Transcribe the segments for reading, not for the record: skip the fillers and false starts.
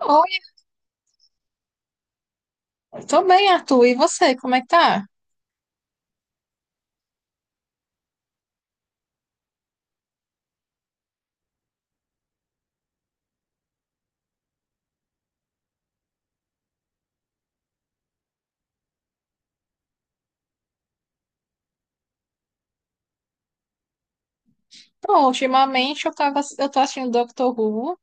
Oi, tô bem, Arthur. E você, como é que tá? Bom, eu tô assistindo Doctor Who.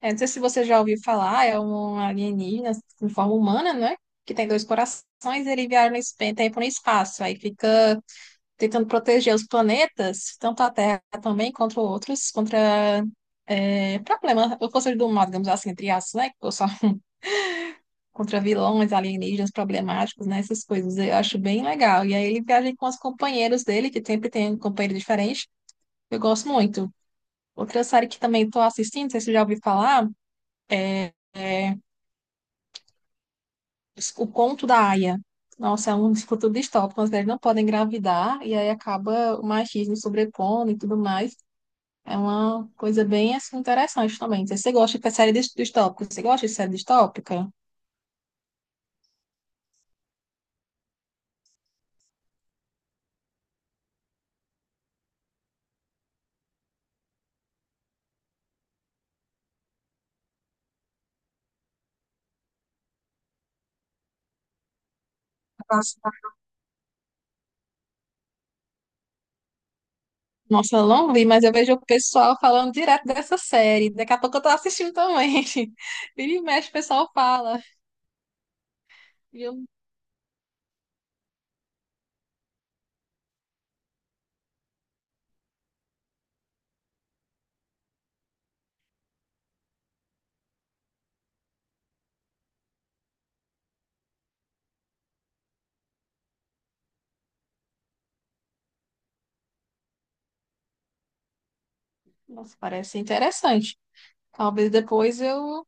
É, não sei se você já ouviu falar, é um alienígena em forma humana, né? Que tem dois corações, e ele viaja no tempo e no espaço. Aí fica tentando proteger os planetas, tanto a Terra também, contra problemas, ou forças do mal, digamos assim, entre aspas, né? Contra vilões, alienígenas problemáticos, né? Essas coisas. Eu acho bem legal. E aí ele viaja com os companheiros dele, que sempre tem um companheiro diferente. Eu gosto muito. Outra série que também estou assistindo, não sei se você já ouviu falar, é O Conto da Aia. Nossa, é um futuro distópico. As mulheres não podem engravidar e aí acaba o machismo sobrepondo e tudo mais. É uma coisa bem assim, interessante também. Não sei se você gosta de série distópica? Você gosta de série distópica? Nossa, eu não vi, mas eu vejo o pessoal falando direto dessa série. Daqui a pouco eu tô assistindo também. Vira e mexe, o pessoal fala. E eu, nossa, parece interessante. Talvez depois eu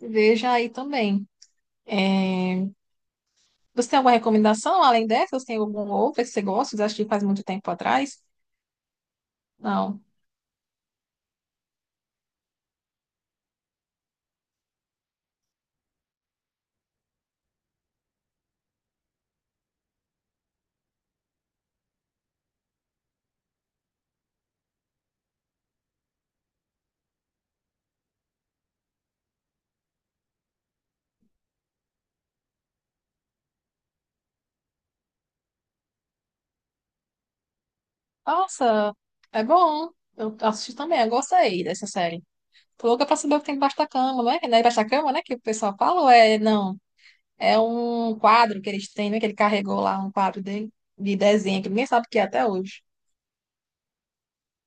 veja aí também. É, você tem alguma recomendação além dessa? Você tem algum outro que você gosta? Você assistiu faz muito tempo atrás? Não. Nossa, é bom. Eu assisti também, eu gostei dessa série. Tô louca pra saber o que tem debaixo da cama, não é? Não é debaixo da cama, né? Que o pessoal fala ou é não? É um quadro que eles têm, né? Que ele carregou lá, um quadro dele, de desenho, que ninguém sabe o que é até hoje.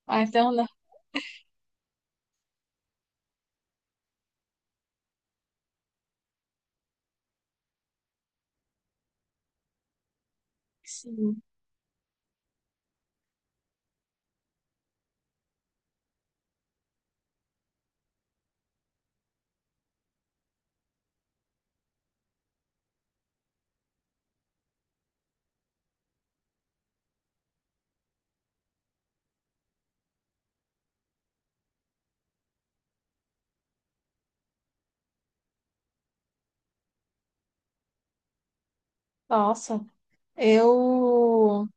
Ah, então, né? Sim. Nossa, eu.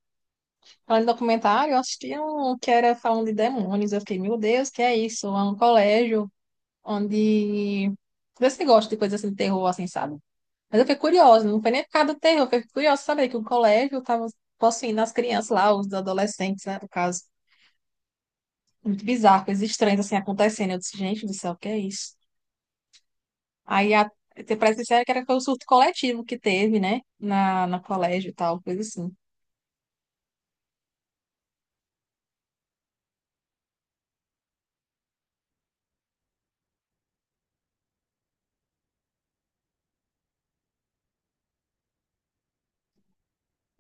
Falando em documentário, eu assisti um que era falando de demônios. Eu fiquei, meu Deus, que é isso? É um colégio onde. Vê se gosta de coisa assim de terror, assim, sabe? Mas eu fiquei curiosa, não foi nem por causa do terror, eu fiquei curiosa de saber que o colégio tava possuindo as crianças lá, os adolescentes, né? No caso. Muito bizarro, coisas estranhas assim acontecendo. Eu disse, gente do céu, o que é isso? Aí a, parece que disseram que era o surto coletivo que teve, né? Na colégio e tal, coisa assim.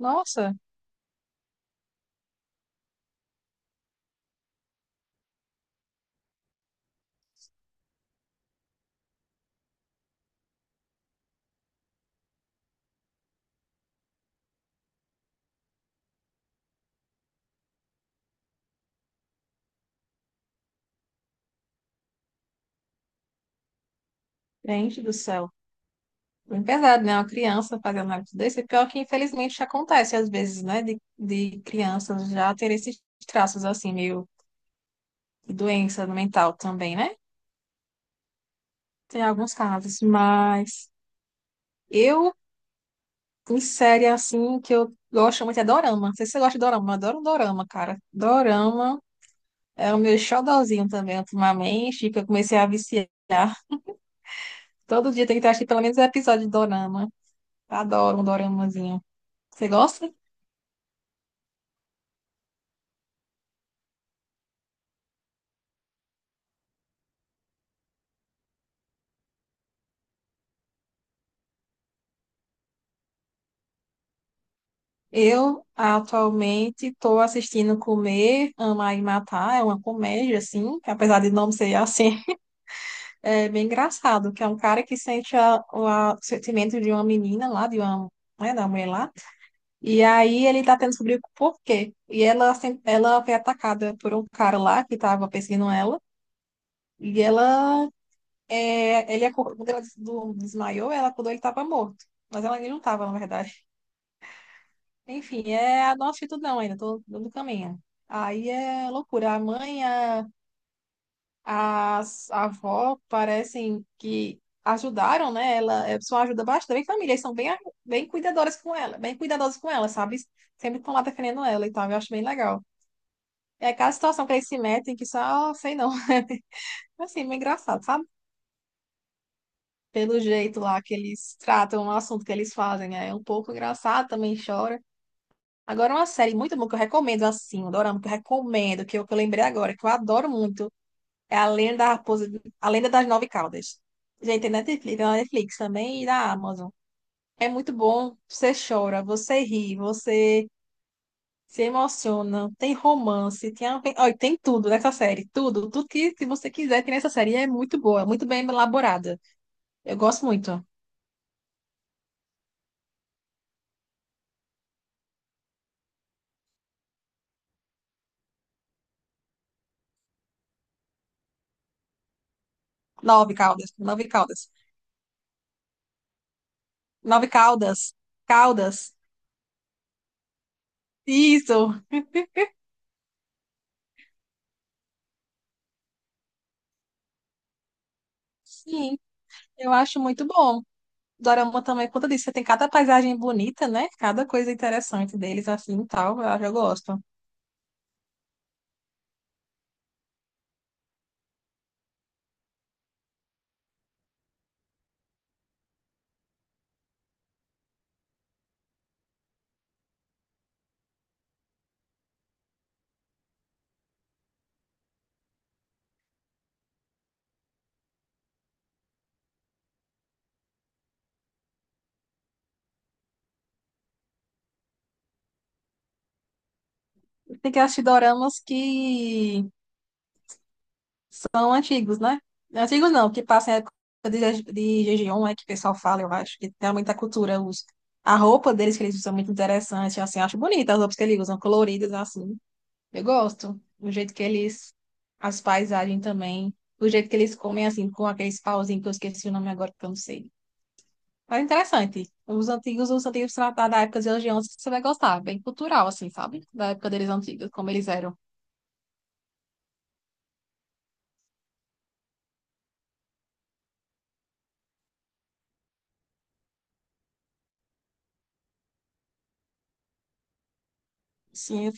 Nossa, gente do céu. Bem pesado, né? Uma criança fazendo algo desse. E pior que, infelizmente, acontece às vezes, né? De crianças já ter esses traços, assim, meio de doença mental também, né? Tem alguns casos, mas eu, em série, assim, que eu gosto muito é dorama. Não sei se você gosta de dorama, mas eu adoro um dorama, cara. Dorama é o meu xodozinho também, ultimamente, que eu comecei a viciar. Todo dia tem que ter, acho que pelo menos um episódio de dorama. Adoro um doramazinho. Você gosta? Eu atualmente estou assistindo Comer, Amar e Matar. É uma comédia, assim, que apesar de não ser assim, é bem engraçado, que é um cara que sente o sentimento de uma menina lá, de uma, né, da mulher lá. E aí ele tá tentando descobrir o porquê. E ela, sem- ela foi atacada por um cara lá que estava perseguindo ela. E ela É, ele acordou, quando ela desmaiou, ela acordou, ele estava morto. Mas ela, ele não estava, na verdade. Enfim, é a nossa atitude ainda, tô no caminho. Aí é loucura. A mãe, a avó parecem que ajudaram, né? Ela é, só ajuda bastante. A família, eles são bem, bem cuidadoras com ela, bem cuidadosas com ela, sabe? Sempre estão lá defendendo ela e tal. Eu acho bem legal. É aquela situação que eles se metem que só, sei não. Assim, meio engraçado, sabe? Pelo jeito lá que eles tratam o assunto que eles fazem, né? É um pouco engraçado, também chora. Agora, uma série muito boa que eu recomendo, assim, um dorama que eu recomendo, que eu lembrei agora, que eu adoro muito, é A Lenda da Raposa, A Lenda das Nove Caudas. Gente, tem Netflix, tem na Netflix também e na Amazon. É muito bom, você chora, você ri, você se emociona, tem romance, tem, a- olha, tem tudo nessa série, tudo que você quiser tem nessa série. E é muito boa, muito bem elaborada. Eu gosto muito. Nove caudas, nove caudas. Nove Caldas. Caldas. Isso. Sim. Eu acho muito bom. Dorama também, por conta disso, você tem cada paisagem bonita, né? Cada coisa interessante deles, assim, e tal, eu já gosto. Tem que assistir doramas que são antigos, né? Antigos não, que passam a época de, de Jejeon, é que o pessoal fala, eu acho, que tem muita cultura, a roupa deles que eles usam é muito interessante, assim, eu acho bonita as roupas que eles usam, coloridas, assim. Eu gosto do jeito que eles, as paisagens também, do jeito que eles comem assim, com aqueles pauzinhos que eu esqueci o nome agora que eu não sei. Mas é interessante. Os antigos da época dos hoje, em você vai gostar, bem cultural, assim, sabe? Da época deles antigos, como eles eram. Sim, eu-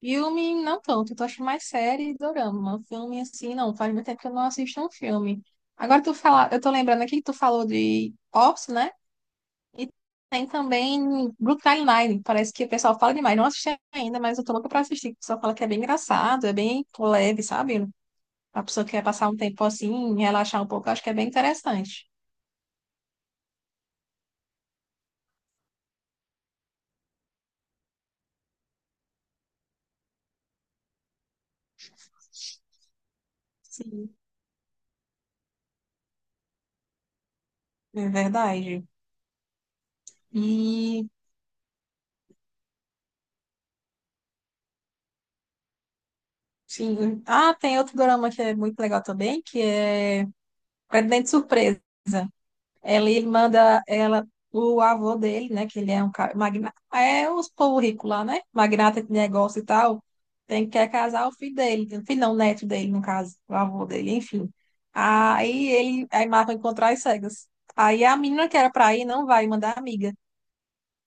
filme não tanto, eu tô achando mais série e dorama. Filme assim, não, faz muito tempo que eu não assisto um filme. Agora tu fala, eu tô lembrando aqui que tu falou de Ops, né? E tem também Brooklyn Nine-Nine. Parece que o pessoal fala demais. Não assisti ainda, mas eu tô louca pra assistir. O pessoal fala que é bem engraçado, é bem leve, sabe? A pessoa que quer passar um tempo assim, relaxar um pouco, eu acho que é bem interessante. Sim, é verdade. E, sim. Ah, tem outro drama que é muito legal também, que é Presidente Surpresa. Ela irmã da, ela, o avô dele, né? Que ele é um cara, magnata, é os povo rico lá, né? Magnata de negócio e tal. Tem que quer casar o filho dele, o filho não, o neto dele, no caso, o avô dele, enfim. Aí marca encontrar as cegas. Aí a menina que era pra ir não vai, mandar amiga.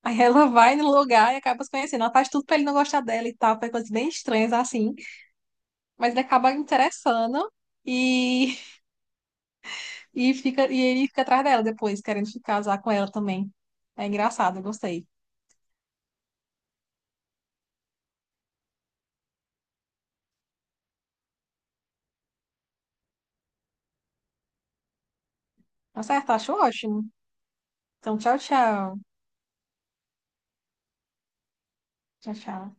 Aí ela vai no lugar e acaba se conhecendo. Ela faz tudo pra ele não gostar dela e tal, faz coisas bem estranhas assim. Mas ele acaba interessando e e ele fica atrás dela depois, querendo se casar com ela também. É engraçado, eu gostei. Tá certo, acho ótimo. Então, tchau, tchau. Tchau, tchau.